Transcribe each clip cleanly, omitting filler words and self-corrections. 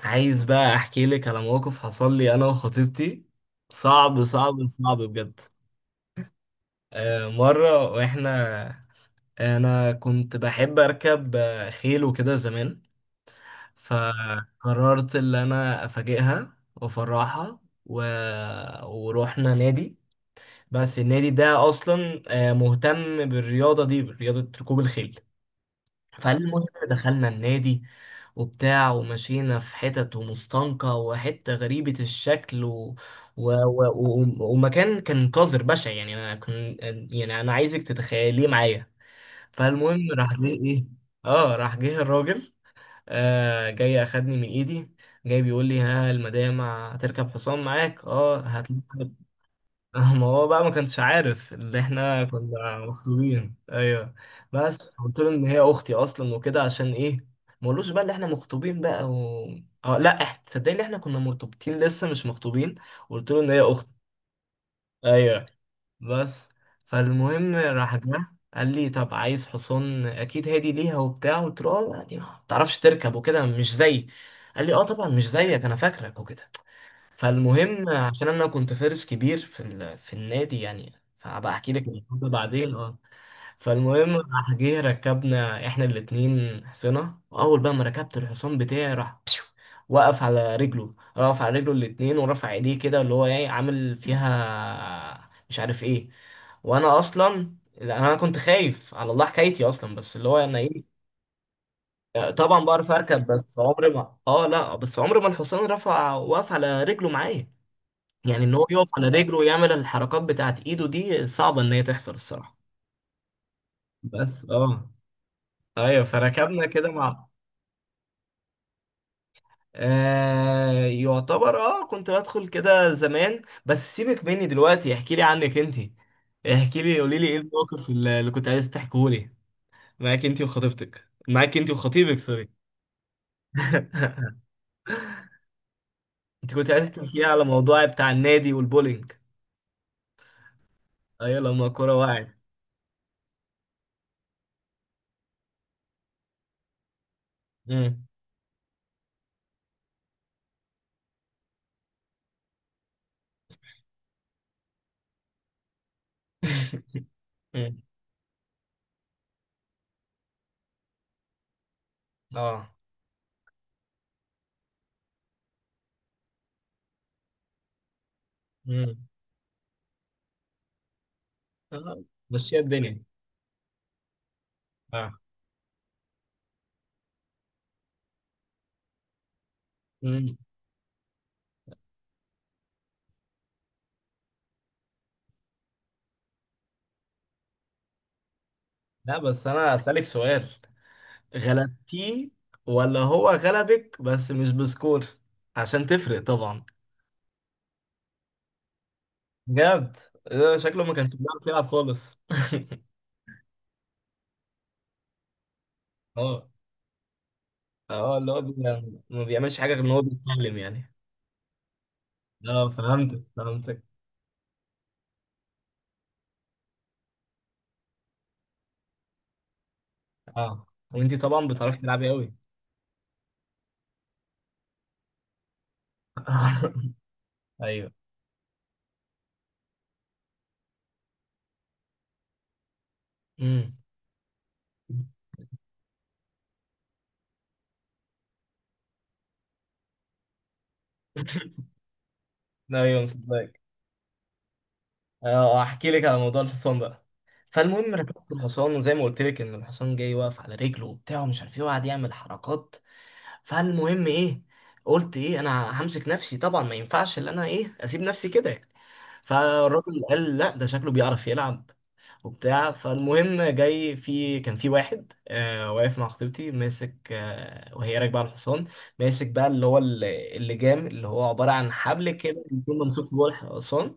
عايز بقى احكي لك على موقف حصل لي انا وخطيبتي. صعب صعب صعب بجد. مرة واحنا انا كنت بحب اركب خيل وكده زمان. فقررت ان انا افاجئها وافرحها و... ورحنا نادي. بس النادي ده اصلا مهتم بالرياضة دي برياضة ركوب الخيل. فالمهم دخلنا النادي وبتاع ومشينا في حتت ومستنقع وحتة غريبة الشكل ومكان كان قذر بشع. يعني يعني انا عايزك تتخيليه معايا. فالمهم راح جه ايه، اه راح جه الراجل. جاي اخدني من ايدي، جاي بيقول لي: ها، المدام هتركب حصان معاك، اه هات. ما هو بقى ما كانش عارف اللي احنا كنا مخطوبين، ايوه. بس قلت له ان هي اختي اصلا وكده، عشان ايه ما قلوش بقى اللي احنا مخطوبين بقى. و... اه لا احنا تصدقني اللي احنا كنا مرتبطين لسه مش مخطوبين. قلت له ان هي اختي. ايوه بس. فالمهم راح جه قال لي: طب عايز حصان اكيد هادي ليها وبتاع؟ قلت له: لا، دي ما بتعرفش تركب وكده، مش زي. قال لي: طبعا، مش زيك، انا فاكرك وكده. فالمهم عشان انا كنت فارس كبير في النادي يعني. فهبقى احكي لك الموضوع ده بعدين فالمهم راح جه ركبنا احنا الاتنين حصنة، واول بقى ما ركبت الحصان بتاعي راح بشو، وقف على رجله، وقف على رجله الاتنين ورفع ايديه كده، اللي هو ايه عامل فيها مش عارف ايه. وانا اصلا لا انا كنت خايف على الله حكايتي اصلا، بس اللي هو انا ايه. طبعا بعرف اركب بس عمري ما اه لا بس عمري ما الحصان رفع وقف على رجله معايا. يعني ان هو يقف على رجله ويعمل الحركات بتاعت ايده دي صعبة ان هي تحصل الصراحة. بس ايوه فركبنا كده مع. يعتبر، كنت بدخل كده زمان، بس سيبك مني دلوقتي، احكي لي عنك انت. احكي لي، قولي لي ايه الموقف اللي كنت عايز تحكيه لي، معاك انت وخطيبتك، معاك انت وخطيبك سوري. انت كنت عايز تحكي لي على موضوع بتاع النادي والبولينج، ايوه لما الكوره وقعت. مم. مم. اه. مم. آه، مشيها الدنيا. اه. مم. لا بس انا اسالك سؤال، غلبتيه ولا هو غلبك بس مش بسكور؟ عشان تفرق طبعا. بجد؟ ده شكله ما كانش بيعرف يلعب خالص. اه. اه اللي هو ما بيعملش حاجه غير ان هو بيتكلم يعني. اه فهمتك فهمتك. اه وانتي طبعا بتعرفي تلعبي قوي. ايوه. امم. ايوه مصدق. اه احكي لك على موضوع الحصان بقى. فالمهم ركبت الحصان، وزي ما قلت لك ان الحصان جاي واقف على رجله وبتاع ومش عارف ايه وقعد يعمل حركات. فالمهم ايه، قلت ايه، انا همسك نفسي طبعا، ما ينفعش ان انا ايه اسيب نفسي كده يعني. فالراجل قال: لا ده شكله بيعرف يلعب وبتاع. فالمهم جاي كان في واحد واقف مع خطيبتي ماسك، وهي راكبه على الحصان، ماسك بقى اللي هو اللجام، اللي هو عباره عن حبل كده بيكون ممسوك جوه الحصان،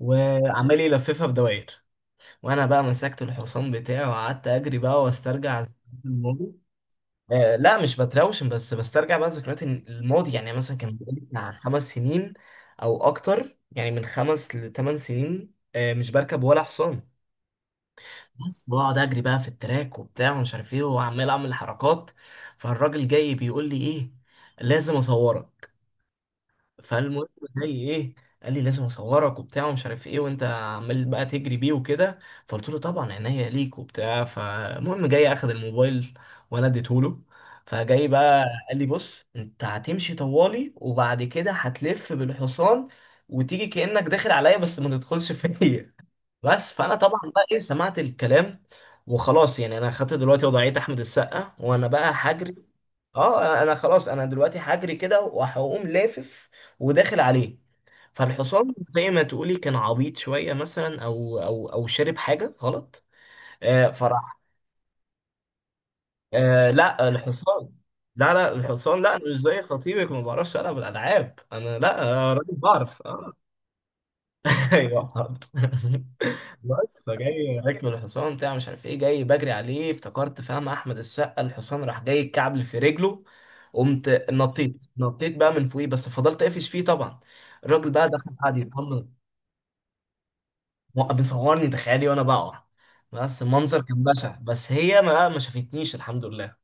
وعمال يلففها في دوائر. وانا بقى مسكت الحصان بتاعي وقعدت اجري بقى واسترجع ذكريات الماضي. لا مش بتراوشن، بس بسترجع بقى ذكريات الماضي. يعني مثلا كان بقالي بتاع خمس سنين، او اكتر، يعني من خمس لثمان سنين مش بركب ولا حصان. بس بقعد اجري بقى في التراك وبتاع ومش عارف ايه وعمال اعمل حركات. فالراجل جاي بيقول لي ايه: لازم اصورك. فالمهم جاي ايه، قال لي: لازم اصورك وبتاع ومش عارف ايه، وانت عمال بقى تجري بيه وكده. فقلت له: طبعا عينيا ليك وبتاع. فالمهم جاي اخد الموبايل، وانا اديته له. فجاي بقى قال لي: بص انت هتمشي طوالي وبعد كده هتلف بالحصان وتيجي كأنك داخل عليا بس ما تدخلش فيا. بس فانا طبعا بقى ايه سمعت الكلام وخلاص. يعني انا خدت دلوقتي وضعية احمد السقا وانا بقى هجري. اه انا خلاص، انا دلوقتي هجري كده وهقوم لافف وداخل عليه. فالحصان زي ما تقولي كان عبيط شوية، مثلا او شرب حاجة غلط. فراح. لا الحصان. لا لا الحصان. لا انا مش زي خطيبك ما بعرفش العب الالعاب، انا لا، راجل بعرف اه. ايوه حاضر. بس فجاي راكب الحصان بتاع مش عارف ايه، جاي بجري عليه افتكرت فاهم احمد السقا، الحصان راح جاي كعبل في رجله، قمت نطيت، نطيت بقى من فوقيه، بس فضلت قافش فيه طبعا. الراجل بقى دخل قعد يطمن، وقف بيصورني تخيلي وانا بقع. بس المنظر كان بشع، بس هي ما شافتنيش الحمد لله.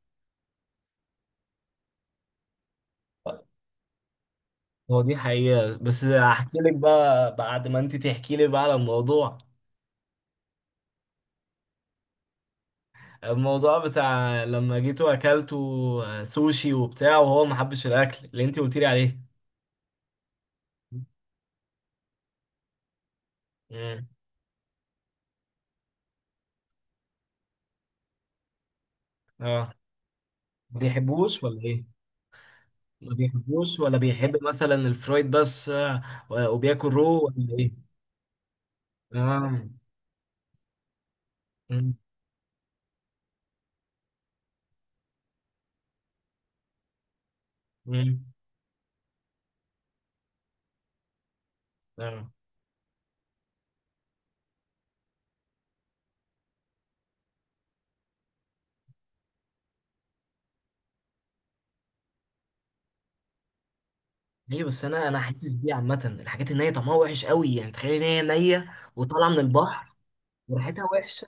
هو دي حقيقة بس هحكي لك بقى بعد ما انت تحكي لي بقى على الموضوع، الموضوع بتاع لما جيتوا واكلتوا سوشي وبتاع وهو ما حبش الاكل اللي انت قلت لي عليه. امم اه ما بيحبوش ولا ايه؟ ما بيحبوش ولا بيحب مثلا الفرويد بس وبياكل رو ولا ايه؟ اه. مم. مم. اه. ليه بس؟ انا حاسس بيه عامه الحاجات النيه طعمها وحش قوي يعني. تخيل ان هي نيه وطالعه من البحر وريحتها وحشه.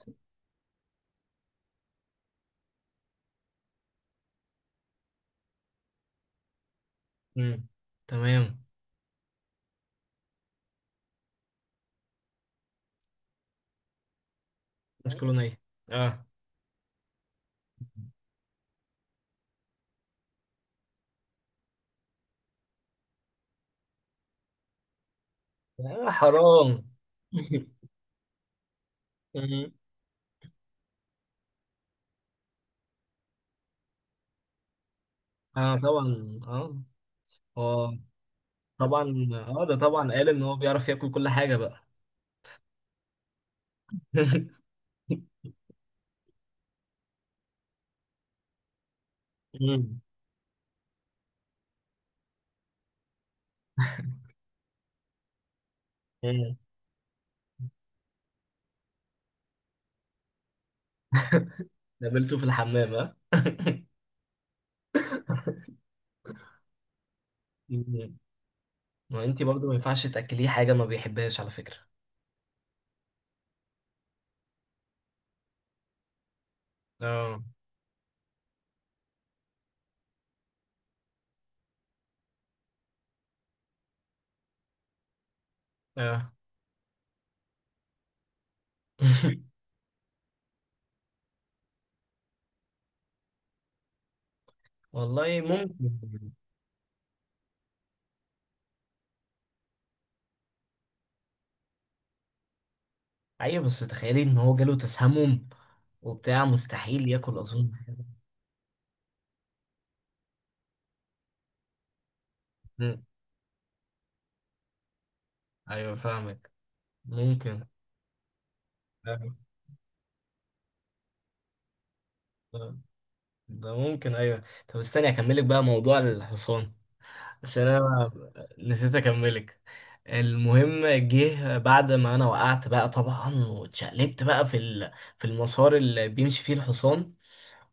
امم. تمام. مش كله نيه، اه. آه، حرام. اه طبعا اه هو طبعا اه ده طبعا قال ان هو بيعرف ياكل كل حاجه بقى. مم. مم. قابلته في الحمام ها؟ مم. ما انتي برضو ما ينفعش تاكليه حاجه ما بيحبهاش على فكره. اه. اه. والله ممكن. ايوه بس تخيلي ان هو جاله تسمم وبتاع، مستحيل ياكل اظن. مم. ايوه فاهمك. ممكن. أيوة. آه. ده ممكن، ايوه. طب استني اكملك بقى موضوع الحصان، عشان انا نسيت اكملك. المهم جه بعد ما انا وقعت بقى طبعا واتشقلبت بقى في المسار اللي بيمشي فيه الحصان،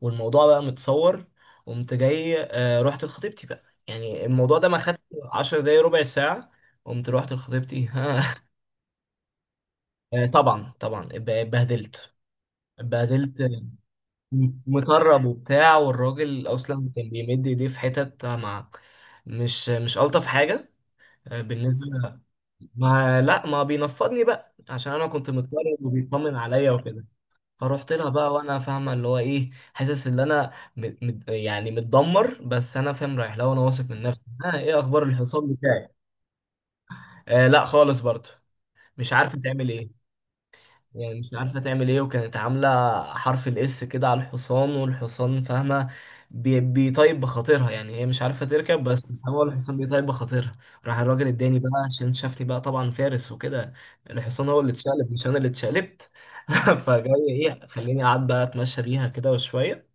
والموضوع بقى متصور. قمت جاي رحت لخطيبتي بقى. يعني الموضوع ده ما خدش 10 دقايق، ربع ساعة. قمت رحت لخطيبتي ها. طبعا طبعا، اتبهدلت. اتبهدلت مطرب وبتاع، والراجل اصلا كان بيمد ايديه في حتت مع، مش الطف حاجة. بالنسبة، ما لا ما بينفضني بقى عشان انا كنت مضطرب وبيطمن عليا وكده. فروحت لها بقى وانا فاهمه اللي هو ايه، حاسس ان انا مد مد يعني متدمر، بس انا فاهم رايح لها وانا واثق من نفسي: ها، ايه اخبار الحصان بتاعي؟ لا خالص برضه مش عارفه تعمل ايه. يعني مش عارفة تعمل ايه، وكانت عاملة حرف الاس كده على الحصان، والحصان فاهمة، بيطيب بخاطرها. يعني هي مش عارفة تركب بس هو الحصان بيطيب بخاطرها. راح الراجل اداني بقى عشان شافني بقى طبعا فارس وكده، الحصان هو اللي اتشقلب مش انا اللي اتشقلبت. فجاي ايه خليني قعد بقى اتمشى بيها كده وشوية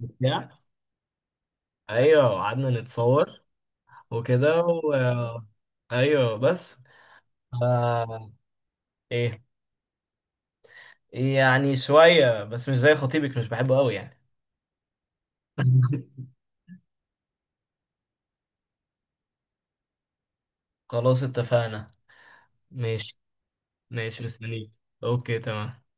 بتاع ايوه قعدنا نتصور وكده و... آه، ايوه بس آه... ايه؟ يعني شوية بس مش زي خطيبك مش بحبه قوي يعني. خلاص اتفقنا. ماشي. ماشي مستنيك. اوكي تمام.